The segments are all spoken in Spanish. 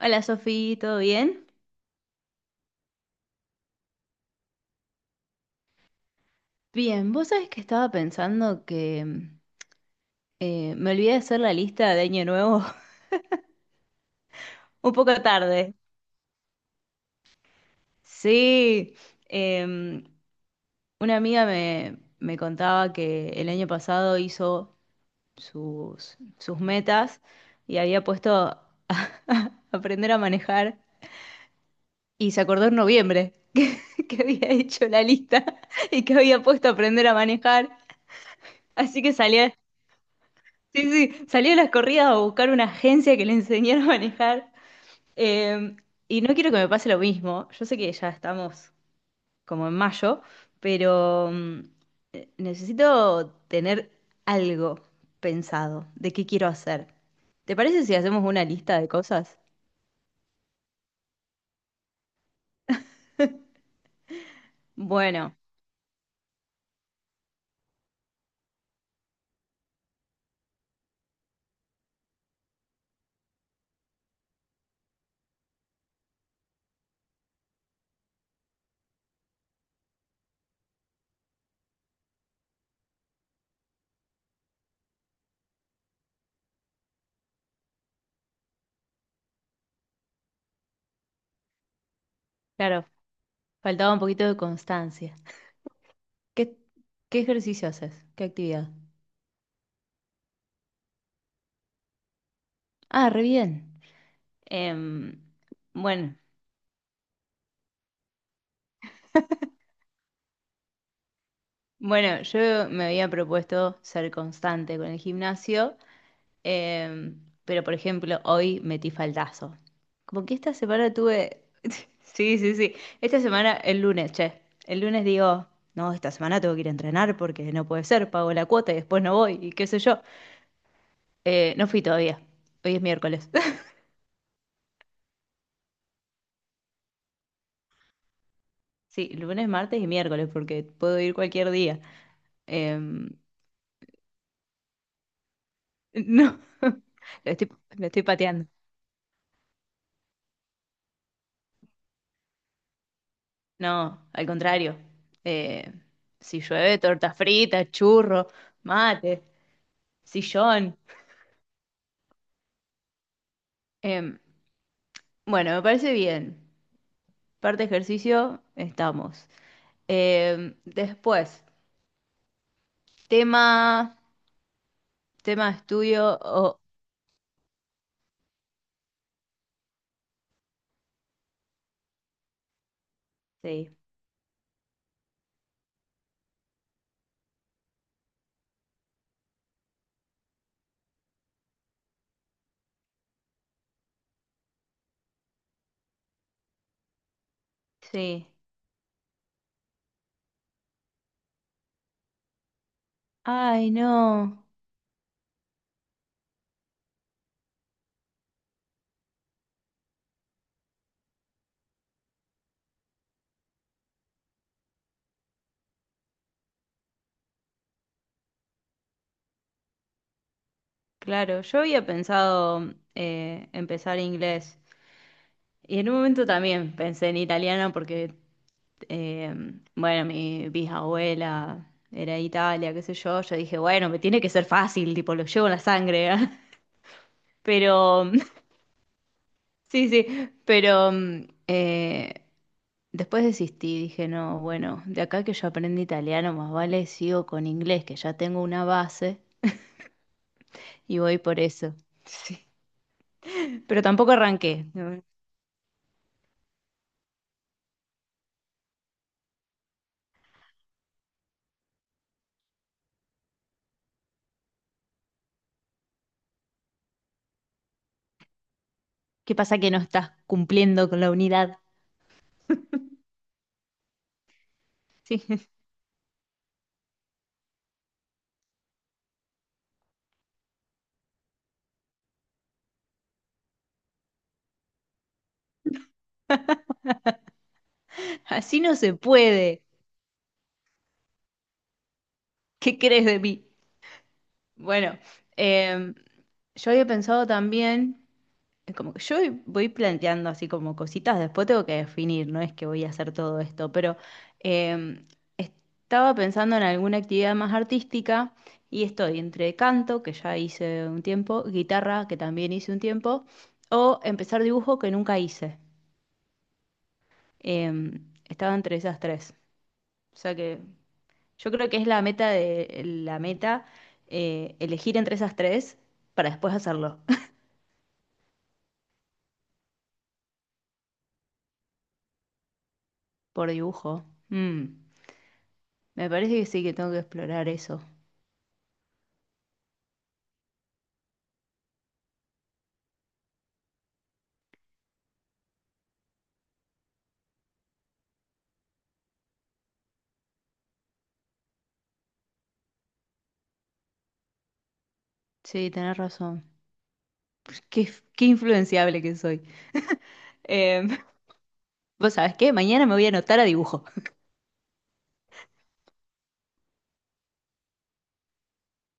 Hola Sofi, ¿todo bien? Bien, vos sabés que estaba pensando que me olvidé de hacer la lista de Año Nuevo un poco tarde. Sí, em, una amiga me contaba que el año pasado hizo sus metas y había puesto a aprender a manejar y se acordó en noviembre que había hecho la lista y que había puesto a aprender a manejar. Así que salía. Sí, sí, salí a las corridas a buscar una agencia que le enseñara a manejar. eh, y no quiero que me pase lo mismo. Yo sé que ya estamos como en mayo, pero necesito tener algo pensado de qué quiero hacer. ¿Te parece si hacemos una lista de cosas? Bueno, claro, faltaba un poquito de constancia. ¿Qué, qué ejercicio haces? ¿Qué actividad? Ah, re bien. Em, bueno. Bueno, yo me había propuesto ser constante con el gimnasio, pero por ejemplo, hoy metí faltazo. Como que esta semana tuve... Sí, sí, sí. Esta semana, el lunes, che. El lunes digo, no, esta semana tengo que ir a entrenar porque no puede ser, pago la cuota y después no voy y qué sé yo. No fui todavía. Hoy es miércoles. Sí, lunes, martes y miércoles porque puedo ir cualquier día. Em, no, estoy, lo estoy pateando. No, al contrario. Eh, si llueve, torta frita, churro, mate, sillón. Em, bueno, me parece bien. Parte ejercicio, estamos. Después, tema, tema estudio o... sí, sí. Ay, no. Claro, yo había pensado empezar inglés, y en un momento también pensé en italiano porque, eh, bueno, mi bisabuela era de Italia, qué sé yo. Yo dije, bueno, me tiene que ser fácil, tipo, lo llevo en la sangre. Pero, sí, sí, pero después desistí. Dije, no, bueno, de acá que yo aprendí italiano, más vale sigo con inglés, que ya tengo una base y voy por eso. Sí. Pero tampoco arranqué, ¿no? ¿Qué pasa que no estás cumpliendo con la unidad? Sí. Así no se puede. ¿Qué crees de mí? Bueno, em, yo había pensado también, como que yo voy planteando así como cositas, después tengo que definir, no es que voy a hacer todo esto, pero em, estaba pensando en alguna actividad más artística y estoy entre canto, que ya hice un tiempo, guitarra, que también hice un tiempo, o empezar dibujo que nunca hice. Estaba entre esas tres. O sea que yo creo que es la meta de la meta elegir entre esas tres para después hacerlo. Por dibujo. Mm, me parece que sí, que tengo que explorar eso. Sí, tenés razón. Pues, qué influenciable que soy. Em, vos sabés qué, mañana me voy a anotar a dibujo.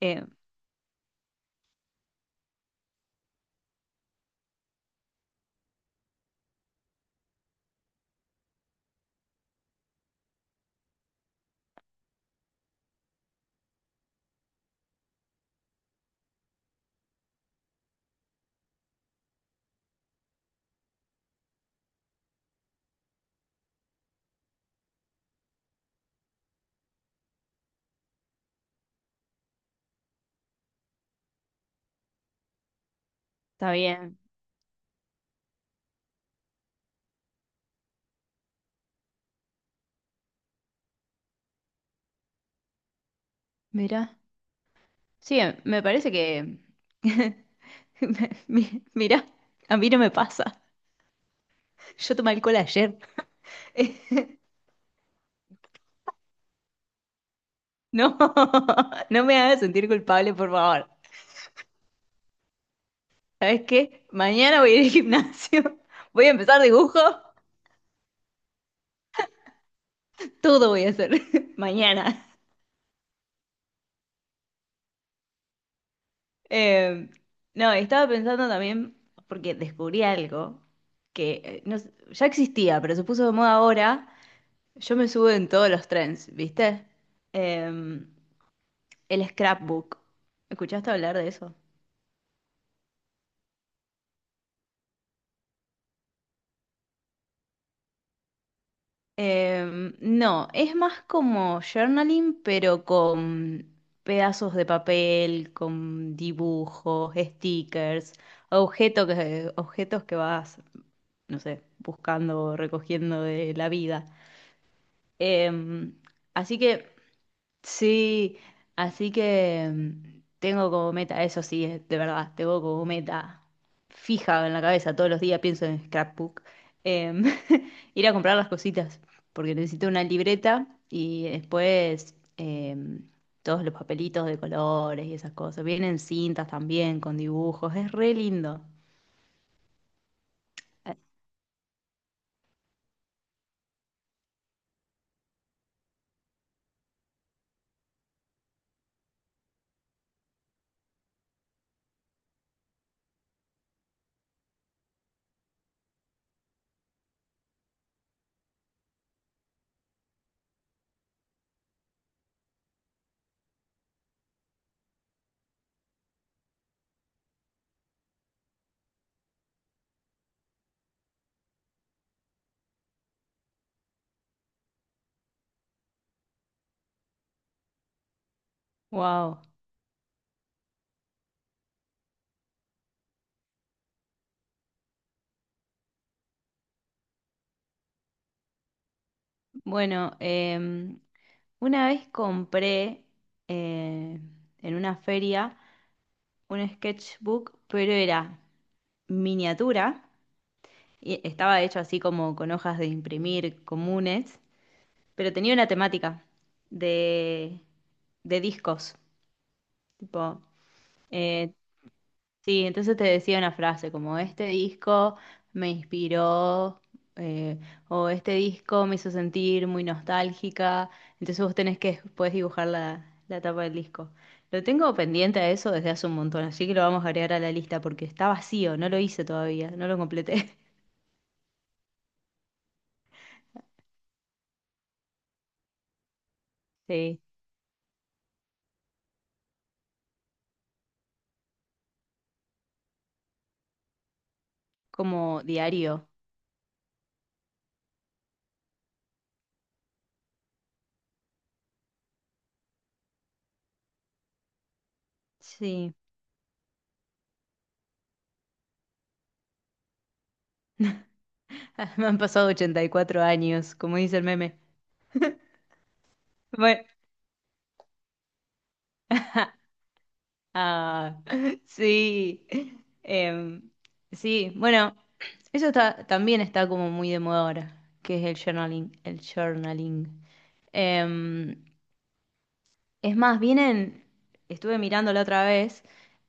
Em, está bien. Mira. Sí, me parece que... Mira, a mí no me pasa. Yo tomé alcohol ayer. No, no me hagas sentir culpable, por favor. ¿Sabes qué? Mañana voy a ir al gimnasio, voy a empezar dibujo, todo voy a hacer mañana. Eh, no, estaba pensando también, porque descubrí algo que no s- ya existía, pero se puso de moda ahora. Yo me subo en todos los trends, ¿viste? Eh, el scrapbook. ¿Escuchaste hablar de eso? No, es más como journaling, pero con pedazos de papel, con dibujos, stickers, objetos que vas, no sé, buscando o recogiendo de la vida. Em, así que sí, así que mm, tengo como meta, eso sí, de verdad, tengo como meta fija en la cabeza, todos los días pienso en scrapbook, em, ir a comprar las cositas, porque necesito una libreta y después todos los papelitos de colores y esas cosas. Vienen cintas también con dibujos, es re lindo. Wow. Bueno, una vez compré eh, en una feria un sketchbook, pero era miniatura y estaba hecho así como con hojas de imprimir comunes, pero tenía una temática de, de discos. Tipo, eh, sí, entonces te decía una frase como este disco me inspiró, eh, o este disco me hizo sentir muy nostálgica. Entonces vos tenés que puedes dibujar la tapa del disco. Lo tengo pendiente a eso desde hace un montón, así que lo vamos a agregar a la lista porque está vacío, no lo hice todavía, no lo completé. Sí, como diario. Sí, me han pasado 84 años, como dice el meme. Bueno. Ah, sí. Em, sí, bueno, eso está, también está como muy de moda ahora, que es el journaling, el journaling. Em, es más, vienen, estuve mirando la otra vez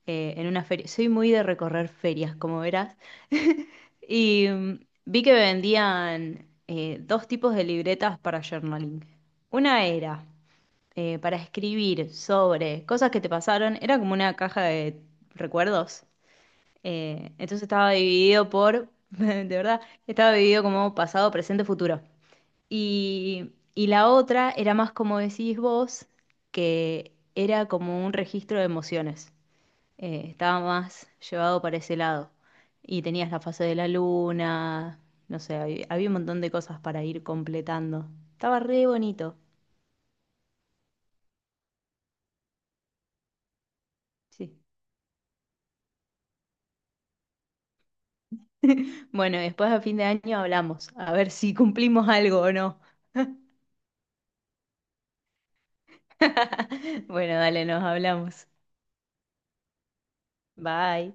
en una feria, soy muy de recorrer ferias, como verás, y vi que vendían 2 tipos de libretas para journaling. Una era para escribir sobre cosas que te pasaron, era como una caja de recuerdos. Entonces estaba dividido por, de verdad, estaba dividido como pasado, presente, futuro. Y la otra era más como decís vos, que era como un registro de emociones. Estaba más llevado para ese lado. Y tenías la fase de la luna, no sé, había un montón de cosas para ir completando. Estaba re bonito. Sí. Bueno, después a fin de año hablamos, a ver si cumplimos algo o no. Bueno, dale, nos hablamos. Bye.